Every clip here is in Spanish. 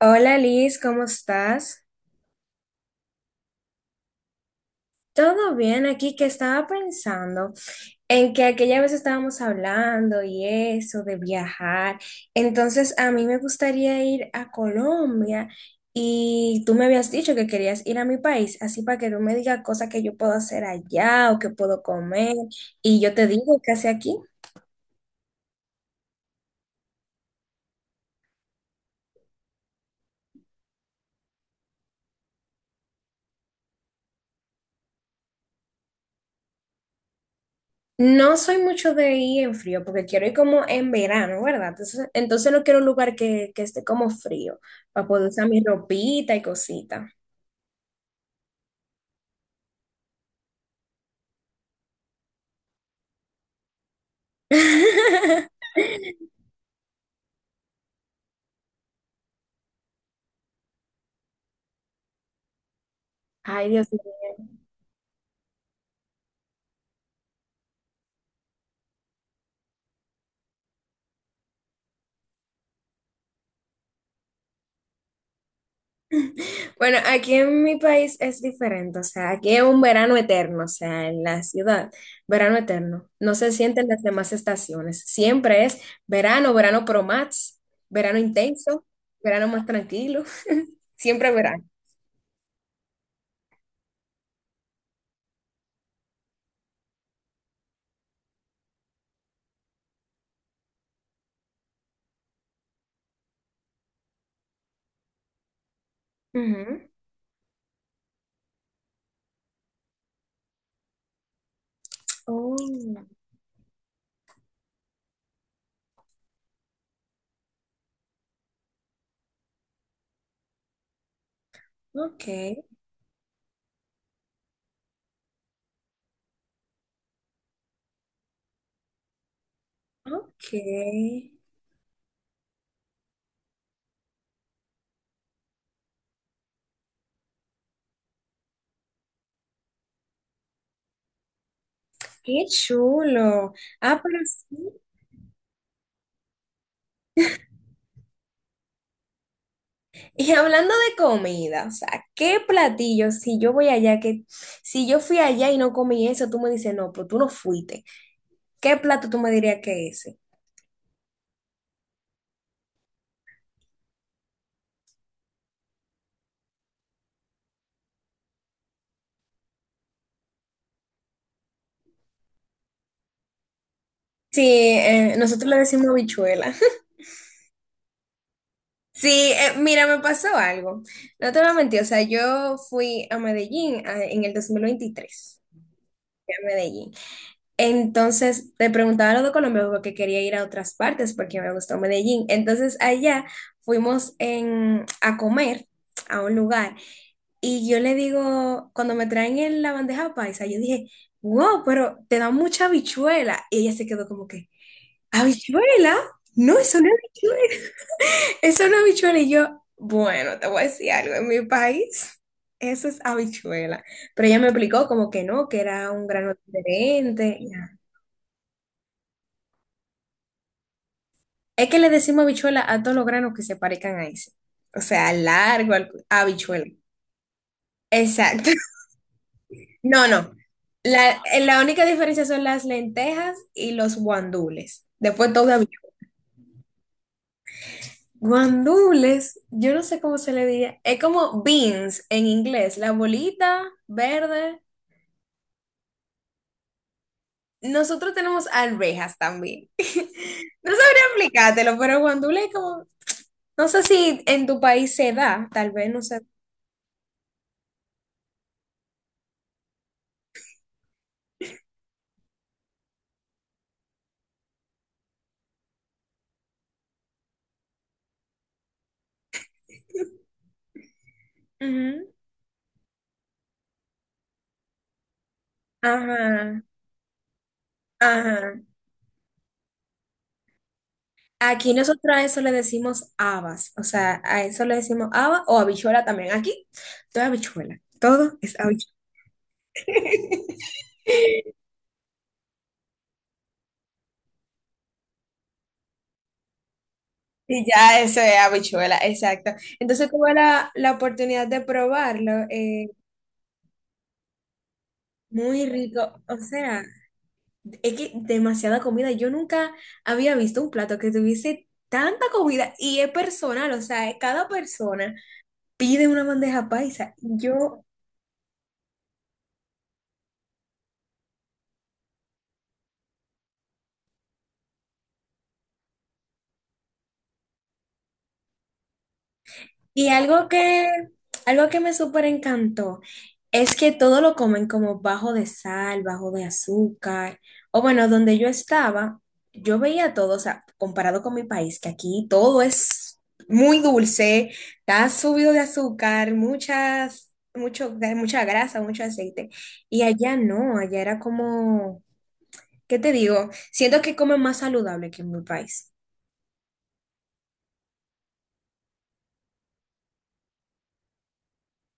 Hola Liz, ¿cómo estás? Todo bien, aquí que estaba pensando en que aquella vez estábamos hablando y eso de viajar. Entonces a mí me gustaría ir a Colombia y tú me habías dicho que querías ir a mi país, así para que tú me digas cosas que yo puedo hacer allá o que puedo comer y yo te digo qué hace aquí. No soy mucho de ir en frío, porque quiero ir como en verano, ¿verdad? Entonces no quiero un lugar que esté como frío, para poder usar mi ropita y cosita. Ay, Dios mío. Bueno, aquí en mi país es diferente, o sea, aquí es un verano eterno, o sea, en la ciudad, verano eterno. No se sienten las demás estaciones, siempre es verano, verano pro max, verano intenso, verano más tranquilo, siempre verano. Ujú. Oh, ok. Ok, qué chulo. Ah, pero sí. Y hablando de comida, o sea, ¿qué platillo? Si yo voy allá, que si yo fui allá y no comí eso, tú me dices, no, pero tú no fuiste. ¿Qué plato tú me dirías que es ese? Sí, nosotros le decimos habichuela. Sí, mira, me pasó algo. No te voy a mentir, o sea, yo fui a Medellín en el 2023, fui a Medellín. Entonces, te preguntaba lo de Colombia porque quería ir a otras partes porque me gustó Medellín. Entonces, allá a comer a un lugar y yo le digo, cuando me traen en la bandeja paisa, yo dije, wow, pero te da mucha habichuela. Y ella se quedó como que, ¿habichuela? No, eso no es habichuela. Eso no es habichuela. Y yo, bueno, te voy a decir algo, en mi país eso es habichuela. Pero ella me explicó como que no, que era un grano diferente. Es que le decimos habichuela a todos los granos que se parezcan a ese. O sea, al largo, habichuela. Exacto. No, no. La única diferencia son las lentejas y los guandules. Después todo habichuela. Guandules, yo no sé cómo se le diría. Es como beans en inglés, la bolita verde. Nosotros tenemos arvejas también. No sabría explicártelo, pero guandules es como, no sé si en tu país se da, tal vez, no sé. Ujú. Ajá. Ajá. Aquí nosotros a eso le decimos habas, o sea, a eso le decimos haba o habichuela también. Aquí todo es habichuela, todo es habichuela. Y ya eso es habichuela, exacto. Entonces tuve la oportunidad de probarlo, muy rico, o sea, es que demasiada comida. Yo nunca había visto un plato que tuviese tanta comida y es personal, o sea, cada persona pide una bandeja paisa. Yo y algo que me súper encantó es que todo lo comen como bajo de sal, bajo de azúcar. O bueno, donde yo estaba, yo veía todo, o sea, comparado con mi país, que aquí todo es muy dulce, está subido de azúcar, muchas, mucho, mucha grasa, mucho aceite. Y allá no, allá era como, ¿qué te digo? Siento que comen más saludable que en mi país.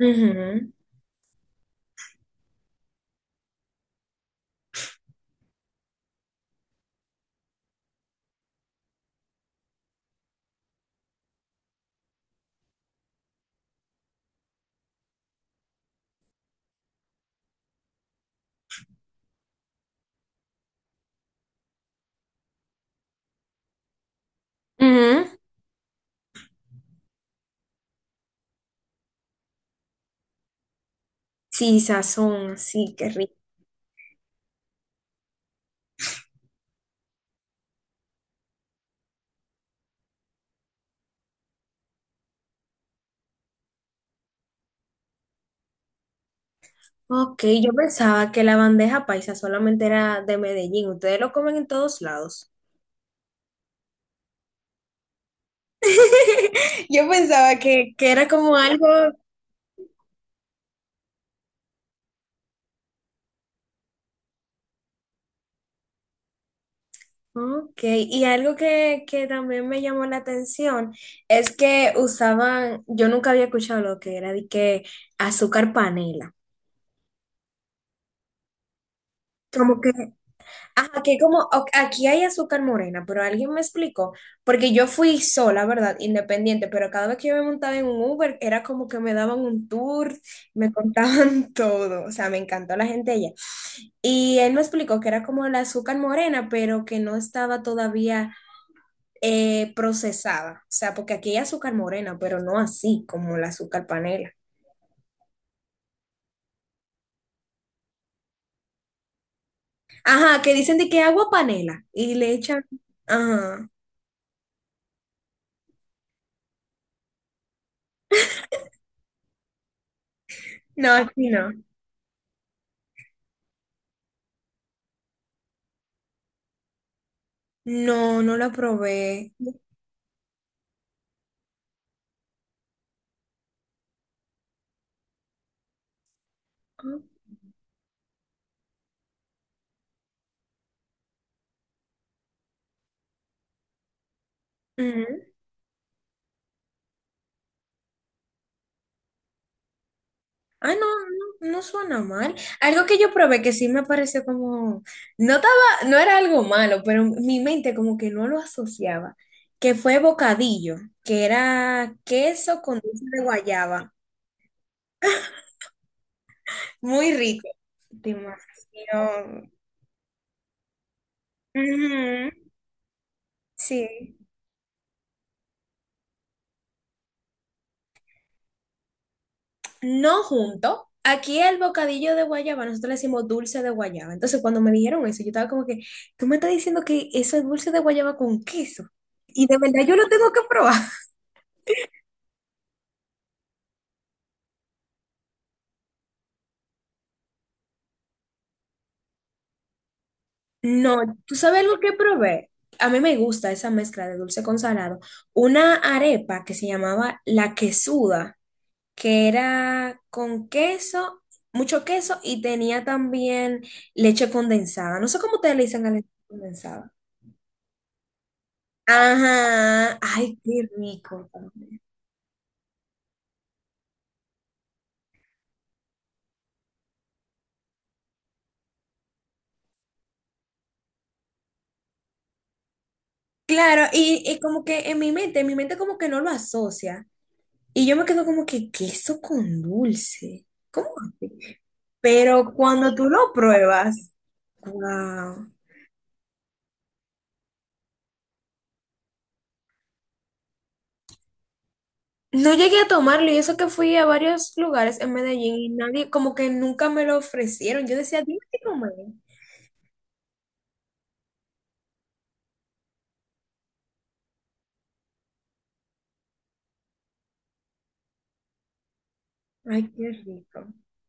Ujú. Ujú. Sí, sazón, sí, qué ok, yo pensaba que la bandeja paisa solamente era de Medellín. Ustedes lo comen en todos lados. Yo pensaba que era como algo, ok, y algo que también me llamó la atención es que usaban, yo nunca había escuchado lo que era de que azúcar panela. Como que ajá, aquí hay azúcar morena, pero alguien me explicó, porque yo fui sola, ¿verdad? Independiente, pero cada vez que yo me montaba en un Uber era como que me daban un tour, me contaban todo, o sea, me encantó la gente allá. Y él me explicó que era como el azúcar morena, pero que no estaba todavía procesada, o sea, porque aquí hay azúcar morena, pero no así como el azúcar panela. Ajá, que dicen de que agua panela y le echan, ajá, no, aquí no. No, no la probé. Ujú. Ah, no, no, no suena mal. Algo que yo probé que sí me pareció como, no estaba, no era algo malo, pero mi mente como que no lo asociaba, que fue bocadillo, que era queso con dulce de guayaba. Muy rico. Demasiado. Ujú. Sí. No junto. Aquí el bocadillo de guayaba, nosotros le decimos dulce de guayaba. Entonces, cuando me dijeron eso, yo estaba como que, tú me estás diciendo que eso es dulce de guayaba con queso. Y de verdad yo lo tengo que probar. No, ¿tú sabes lo que probé? A mí me gusta esa mezcla de dulce con salado. Una arepa que se llamaba la quesuda, que era con queso, mucho queso y tenía también leche condensada. No sé cómo ustedes le dicen a la leche condensada. Ajá, ay, qué rico. Claro, y como que en mi mente como que no lo asocia. Y yo me quedo como que queso con dulce. ¿Cómo así? Pero cuando tú lo pruebas, wow. No llegué a tomarlo y eso que fui a varios lugares en Medellín y nadie, como que nunca me lo ofrecieron. Yo decía, dime qué comer. Ay, qué rico.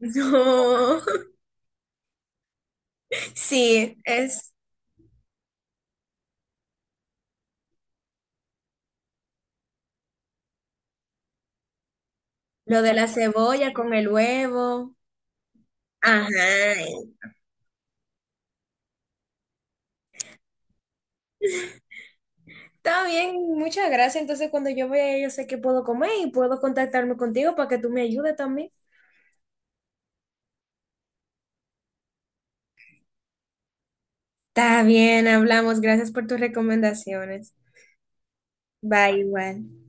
No. Sí, es lo de la cebolla con el huevo. Ajá, está bien, muchas gracias. Entonces, cuando yo vea, yo sé que puedo comer y puedo contactarme contigo para que tú me ayudes también. Está bien, hablamos. Gracias por tus recomendaciones. Bye, igual.